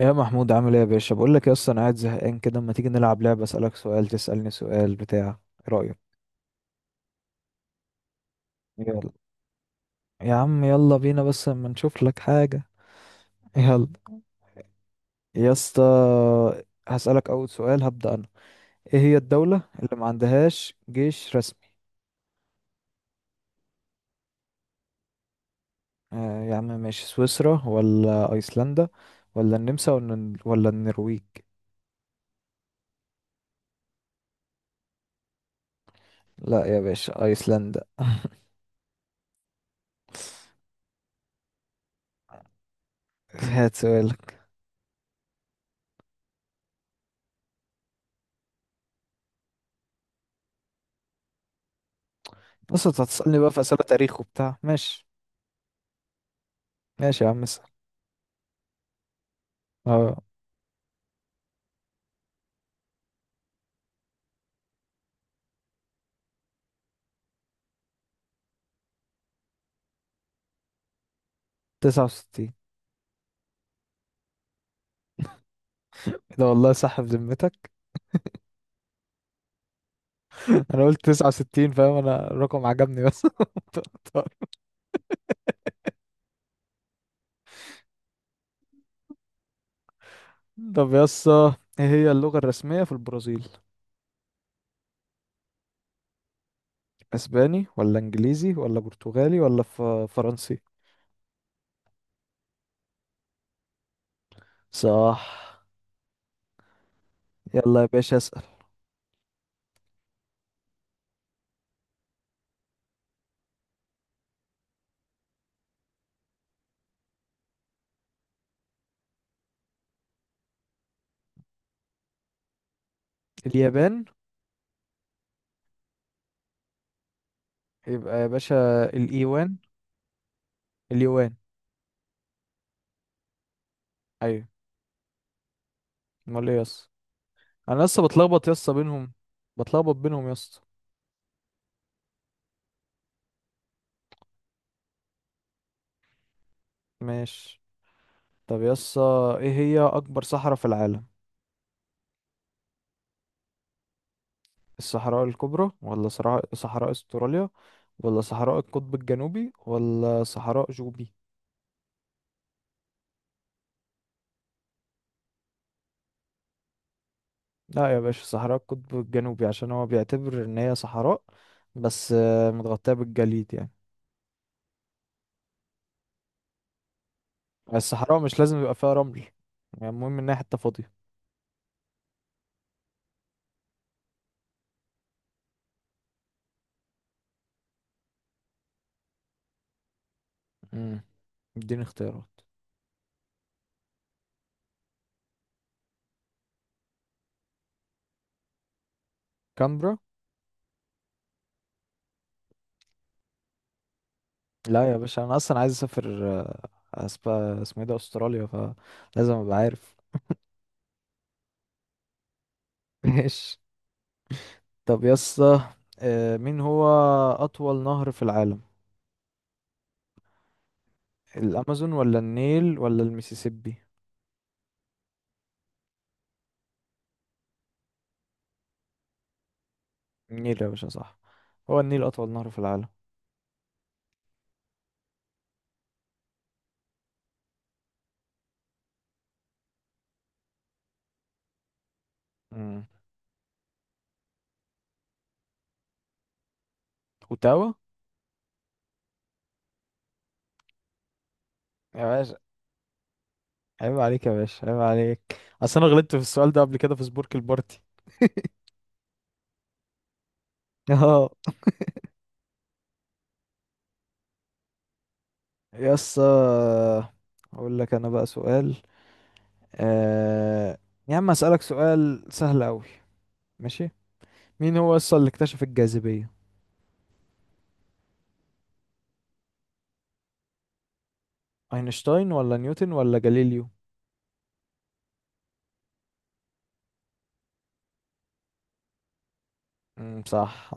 يا محمود، عامل ايه يا باشا؟ بقول لك يا اسطى، انا قاعد زهقان كده. اما تيجي نلعب لعبه اسالك سؤال تسالني سؤال بتاع. ايه رايك؟ يلا يا عم، يلا بينا بس اما نشوف لك حاجه. يلا يا اسطى. هسالك اول سؤال، هبدا انا. ايه هي الدوله اللي ما عندهاش جيش رسمي؟ آه يا عم ماشي، سويسرا ولا ايسلندا ولا النمسا ولا النرويج؟ لا يا باشا، ايسلندا. هات سؤالك. بص، انت هتسالني بقى في اسئله تاريخ وبتاع؟ ماشي. ماشي يا عم اسال. اه، 69. ده والله صح بذمتك؟ انا قلت 69 فاهم، انا الرقم عجبني بس. طب يسا، ايه هي اللغة الرسمية في البرازيل؟ اسباني ولا انجليزي ولا برتغالي ولا فرنسي؟ صح. يلا يا باشا اسأل. اليابان، يبقى يا باشا الايوان. اليوان. ايوه. امال ايه يسا؟ انا لسه بتلخبط يسا بينهم. بتلخبط بينهم يسا. ماشي. طب يسا، ايه هي اكبر صحراء في العالم؟ الصحراء الكبرى ولا صحراء استراليا ولا صحراء القطب الجنوبي ولا صحراء جوبي؟ لا يا باشا، صحراء القطب الجنوبي عشان هو بيعتبر ان هي صحراء، بس متغطية بالجليد يعني. الصحراء مش لازم يبقى فيها رمل، يعني المهم انها حتة فاضية. امم اديني اختيارات. كامبرا. لا يا باشا، انا اصلا عايز اسافر، أسب- اسمه ايه ده؟ استراليا، فلازم ابقى عارف. ماشي. طب يا اسطى، مين هو اطول نهر في العالم؟ الامازون ولا النيل ولا المسيسيبي؟ النيل يا باشا صح. هو النيل اطول نهر في العالم. امم اوتاوا. يا باشا عيب عليك، يا باشا عيب عليك. اصل انا غلطت في السؤال ده قبل كده في سبورك البارتي. اه. يس، اقول لك انا بقى سؤال. آه... يا عم، اسالك سؤال سهل قوي. ماشي. مين هو اصلا اللي اكتشف الجاذبية؟ اينشتاين ولا نيوتن ولا جاليليو؟ صح.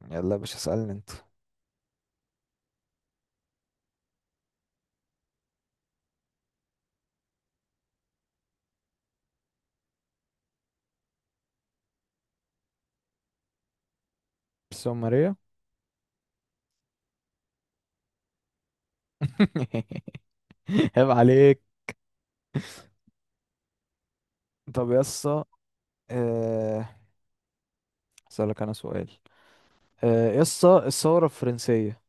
يلا يا باشا اسالني انت. بس هو ماريا. عيب عليك. طب يا اسطى، آه، اسالك انا سؤال. يا اسطى، الثوره الفرنسيه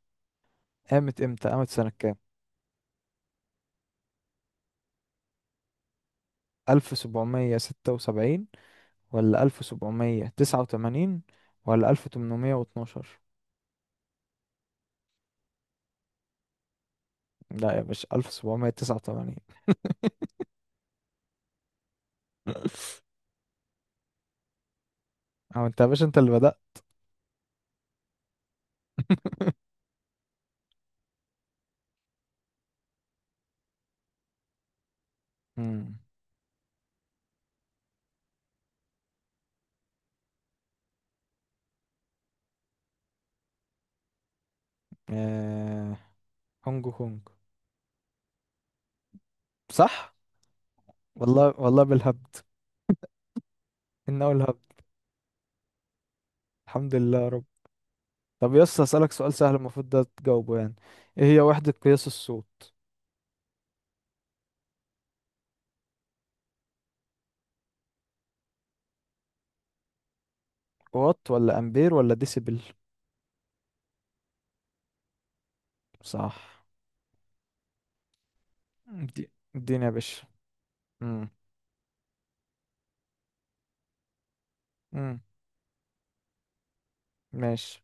قامت امتى، قامت سنه كام؟ 1776 ولا 1789 ولا 1812؟ لا يا باشا، 1789. او انت يا باشا، انت اللي بدأت. مم. آه، هونج كونج. صح. والله والله بالهبد، انه الهبد. الحمد لله يا رب. طب يس اسالك سؤال سهل، المفروض ده تجاوبه يعني. ايه هي وحدة قياس الصوت؟ وات ولا امبير ولا ديسيبل؟ صح. دي اديني يا باشا. امم امم ماشي.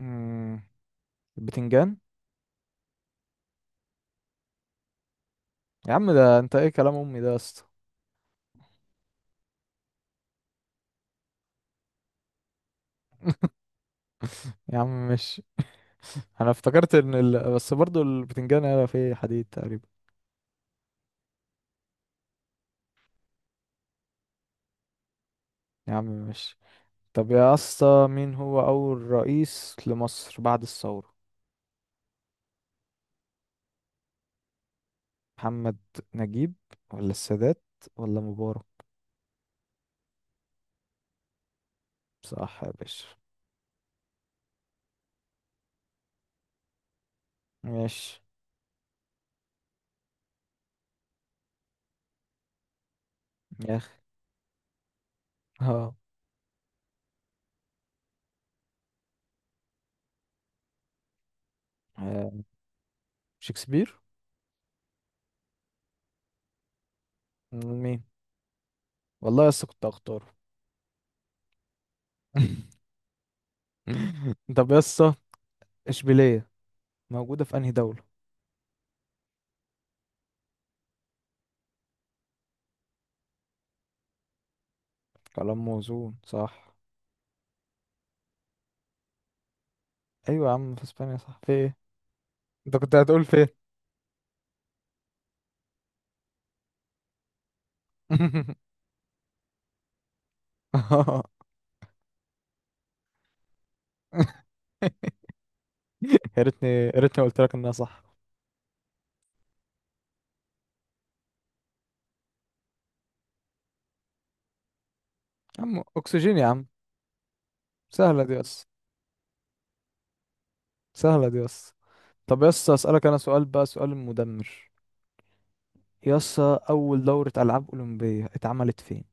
امم البتنجان. يا عم، ده انت ايه كلام امي ده يا اسطى؟ يا عم ماشي. انا افتكرت ان بس برضو البتنجان هيبقى فيه حديد تقريبا. يا عم ماشي. طب يا اسطى، مين هو اول رئيس لمصر بعد الثورة؟ محمد نجيب ولا السادات ولا مبارك؟ صح يا باشا. ماشي. يا اخي اه، آه، شكسبير. مين؟ والله يا اسطى كنت هختاره. طب يا اسطى، اشبيليه موجوده في انهي دوله؟ كلام موزون صح؟ ايوه يا عم في اسبانيا، صح في ايه؟ انت كنت هتقول فين؟ يا ريتني يا ريتني قلت لك انها صح. يا عم اكسجين يا عم. سهله دي يس. سهله دي يس. طب يس، اسالك انا سؤال بقى، سؤال مدمر. يس، اول دوره العاب اولمبيه اتعملت فين؟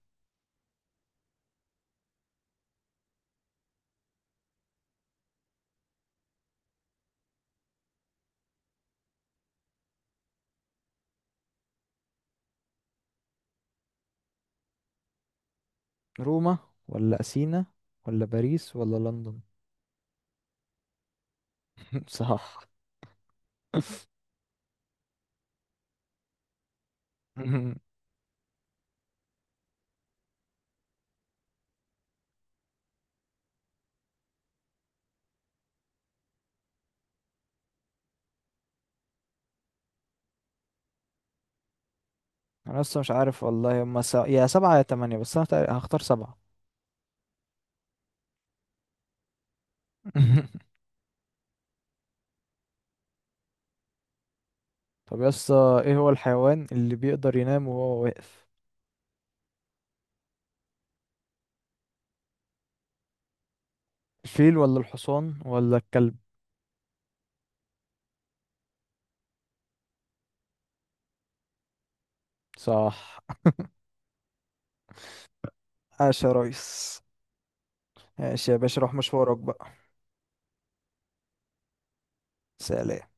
روما ولا اثينا ولا باريس ولا لندن؟ صح. انا لسه مش عارف والله. هما يا سبعة يا تمانية، بس انا هختار سبعة. طب يا اسطى، ايه هو الحيوان اللي بيقدر ينام وهو واقف؟ الفيل ولا الحصان ولا الكلب؟ صح. عاش يا ريس. ماشي يا باشا، روح مشوارك بقى. سلام.